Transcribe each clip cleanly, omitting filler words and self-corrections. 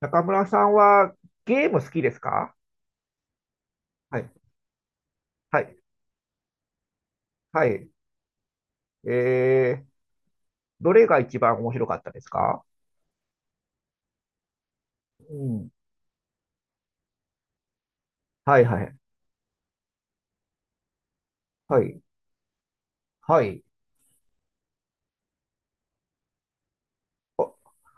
中村さんはゲーム好きですか？はい。はい。はい。えー、どれが一番面白かったですか？うん。はいはい。はい。はい。お、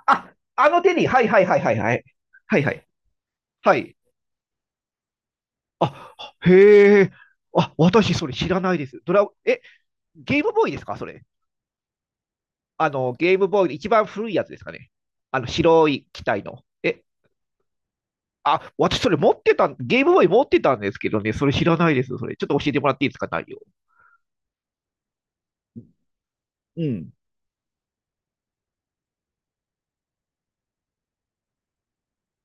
あ、あのテリー。はいはいはいはいはい。はいはい。はい。あ、へえ。あ、私それ知らないです。ドラ、え、ゲームボーイですかそれ。あの、ゲームボーイで一番古いやつですかね。あの、白い機体の。え、あ、私それ持ってた、ゲームボーイ持ってたんですけどね、それ知らないです。それ。ちょっと教えてもらっていいですか、内容。うん、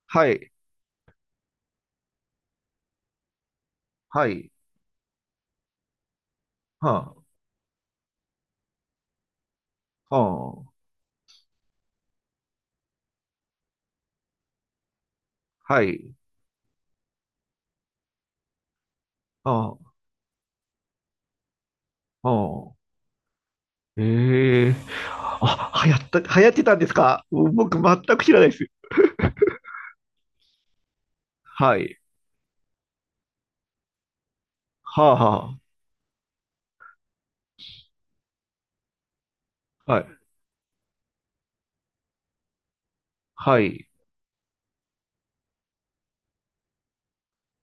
はい、はい、はあ、はあ、はい、はあ、はあ。ええ、あ、流行った、流行ってたんですか？僕全く知らないです。はい、はあ、はあ、はい、はい、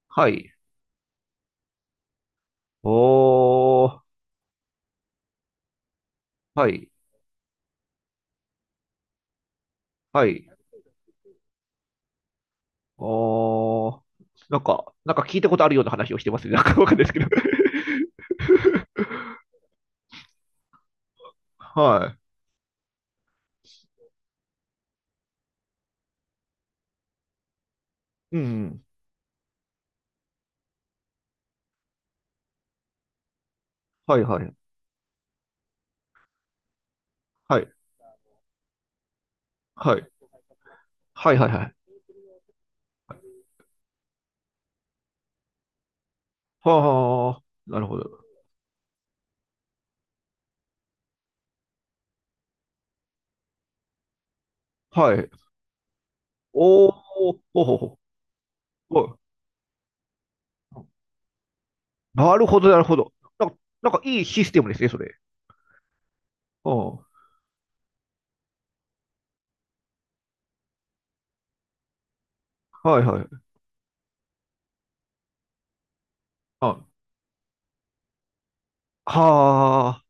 はい、おー、はい、はい、おー。なんか、なんか聞いたことあるような話をしてますね。なんかわかんないですけど。はい。うん。はいはい。はい。はい。はいはいはい。はあ。なるほど。はい。おー、ほうほうほう。はい、なるほど、なるほど。なんか、なんかいいシステムですね、それ。うん。はいはい。あ、はあ、は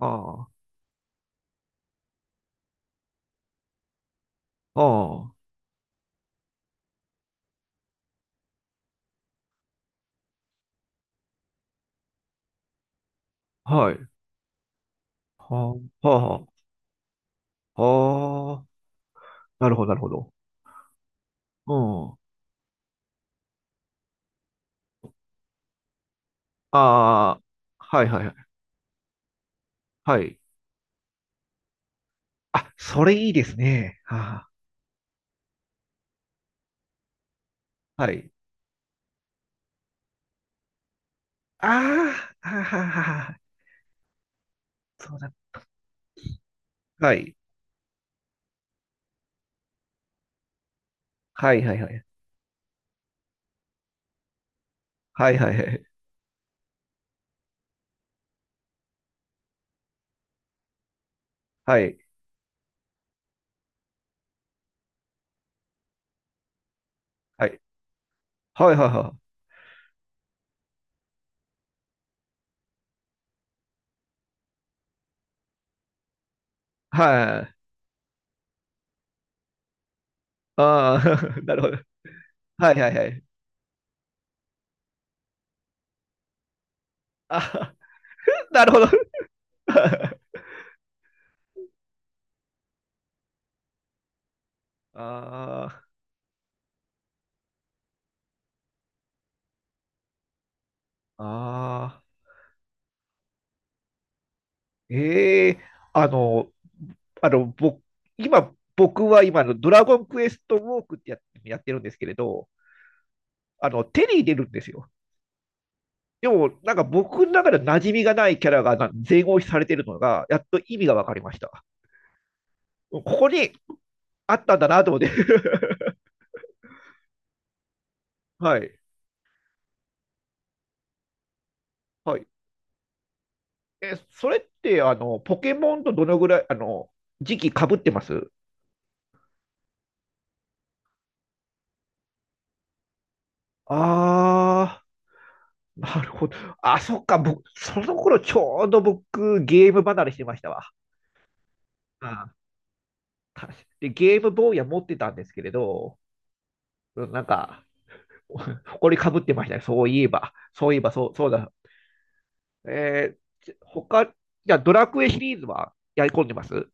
あ、はあ、はい。はあ、はあ、はあ、なるほど、なるほど。うん。ああ、はいはいはい。はい。あ、それいいですね。はあ、はい。ああ、はあ、はあ、はあ、そうだ。はい。はいはいはい。はいはいはい。はい。はい。はいはいはい。はい。ああ、なるほど。はいはいはい。あ、なるほど。ああ、ああ、ええ、あの、あの、僕、今、僕は今のドラゴンクエストウォークって、や、やってるんですけれど、あの、手に入れるんですよ。でも、なんか僕の中で馴染みがないキャラがな全押しされてるのが、やっと意味が分かりました。ここにあったんだなと思って。はい。はい。え、それって、あの、ポケモンとどのぐらい、あの、時期かぶってます？ああー。なるほど。あ、そっか、僕、その頃ちょうど僕、ゲーム離れしてましたわ。うん、で、ゲームボーイは持ってたんですけれど、うん、なんか、埃かぶってましたね。そういえば、そういえば、そう、そうだ。えち、他、じゃあドラクエシリーズはやり込んでます？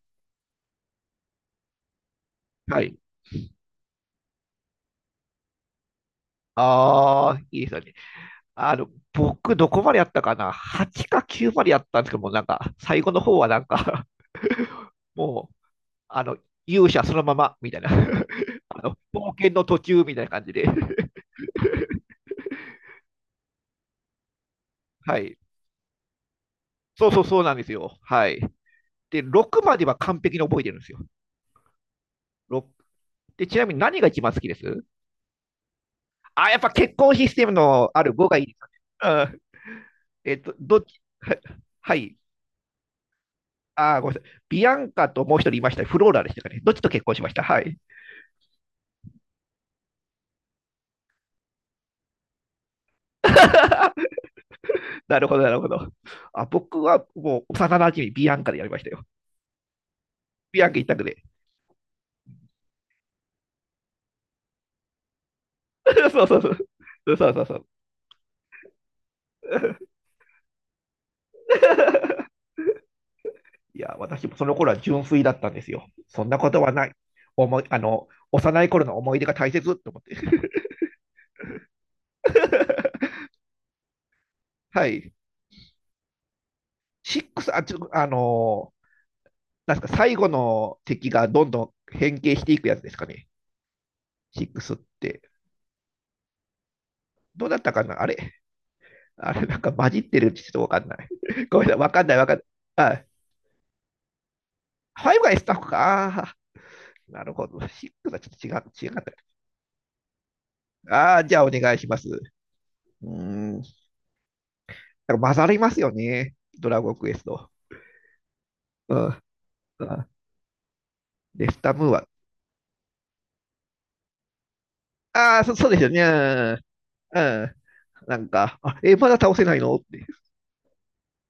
はい。ああ、いいですよね。あの、僕、どこまでやったかな？ 8 か9までやったんですけども、なんか、最後の方はなんか も、あの、勇者そのままみたいな あの、冒険の途中みたいな感じで、はい。そうそうそうなんですよ。はい。で、6までは完璧に覚えてるんですよ。6で、ちなみに何が一番好きですあ、やっぱ結婚システムのある5がいいですかね。うん。えっと、どっち、は、はい。あ、ごめんなさい。ビアンカともう一人いました。フローラでしたかね。どっちと結婚しました？はい。なるほど、なるほど。あ、僕はもう幼馴染ビアンカでやりましたよ。ビアンカ一択で。そうそうそう。そうそうそう。いや、私もその頃は純粋だったんですよ。そんなことはない。思い、あの、幼い頃の思い出が大切って思って。はい。シックス、あ、ちょ、あの、なんですか、最後の敵がどんどん変形していくやつですかね。6って。どうだったかな、あれ。あれ、なんか混じってるってちょっとわかんない。ごめんなさい、わかんない、わかんない。あ、5が S タッフか。あー、なるほど。シックスはちょっと違う、違かった。ああー、じゃあお願いします。うーん。だから混ざりますよね。ドラゴンクエスト。うん。あ、レスタムーは、ああ、そ、そうですよね。うん。うん、なんか、あ、え、まだ倒せないのって。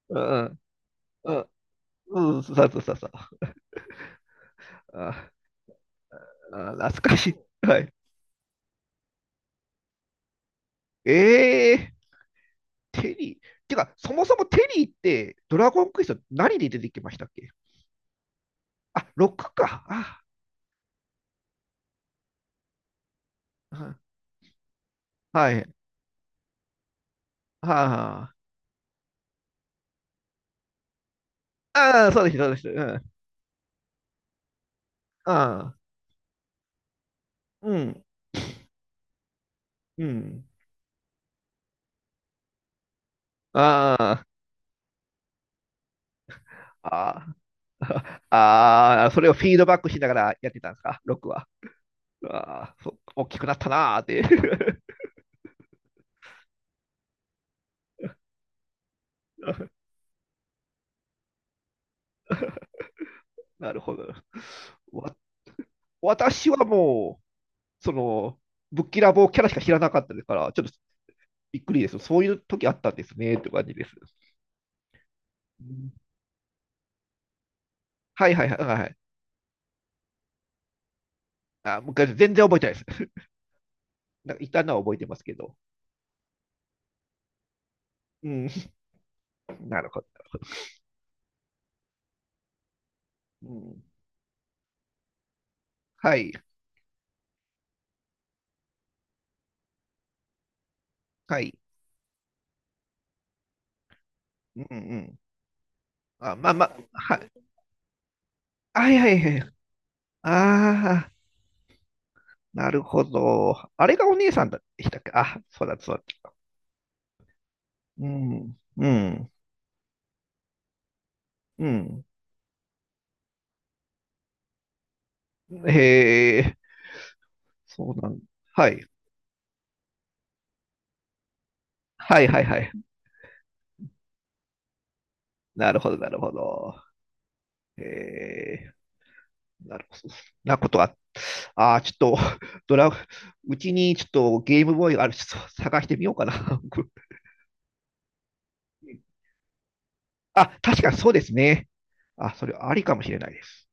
うん。うん。うん。そうそうそうそう。あ、あ、懐かしい。はい。ええー、テリー。てか、そもそもテリーって、ドラゴンクエスト何で出てきましたっけ？あ、クか。あ、うん、はい。はあ、ああ、そうです、そうです。うん。ああ、うん。うん。ああ、ああ、ああ、それをフィードバックしながらやってたんですか、クは。ああ、そ、大きくなったなーって。なるほど。わ、私はもう、その、ぶっきらぼうキャラしか知らなかったですから、ちょっとびっくりです。そういう時あったんですね、って感じです。うん、はいはいはいはいはい。あ、昔全然覚えてないです。なんかいたのは覚えてますけど。うん、なるほど。うん、はい、はい。うんうん。あ、まあまあ、はい、はいはいはい。ああ、なるほど。あれがお姉さんでしたっけ？あ、そうだそうだ。うん、うん。うん。へえ、そうなん。はい。はいはいはい。なるほど、なるほど。へえ、なるほど。なことが、ああ、ちょっと、ドラ、うちにちょっとゲームボーイがある、ちょっと探してみようかな。あ、確かにそうですね。あ、それありかもしれないです。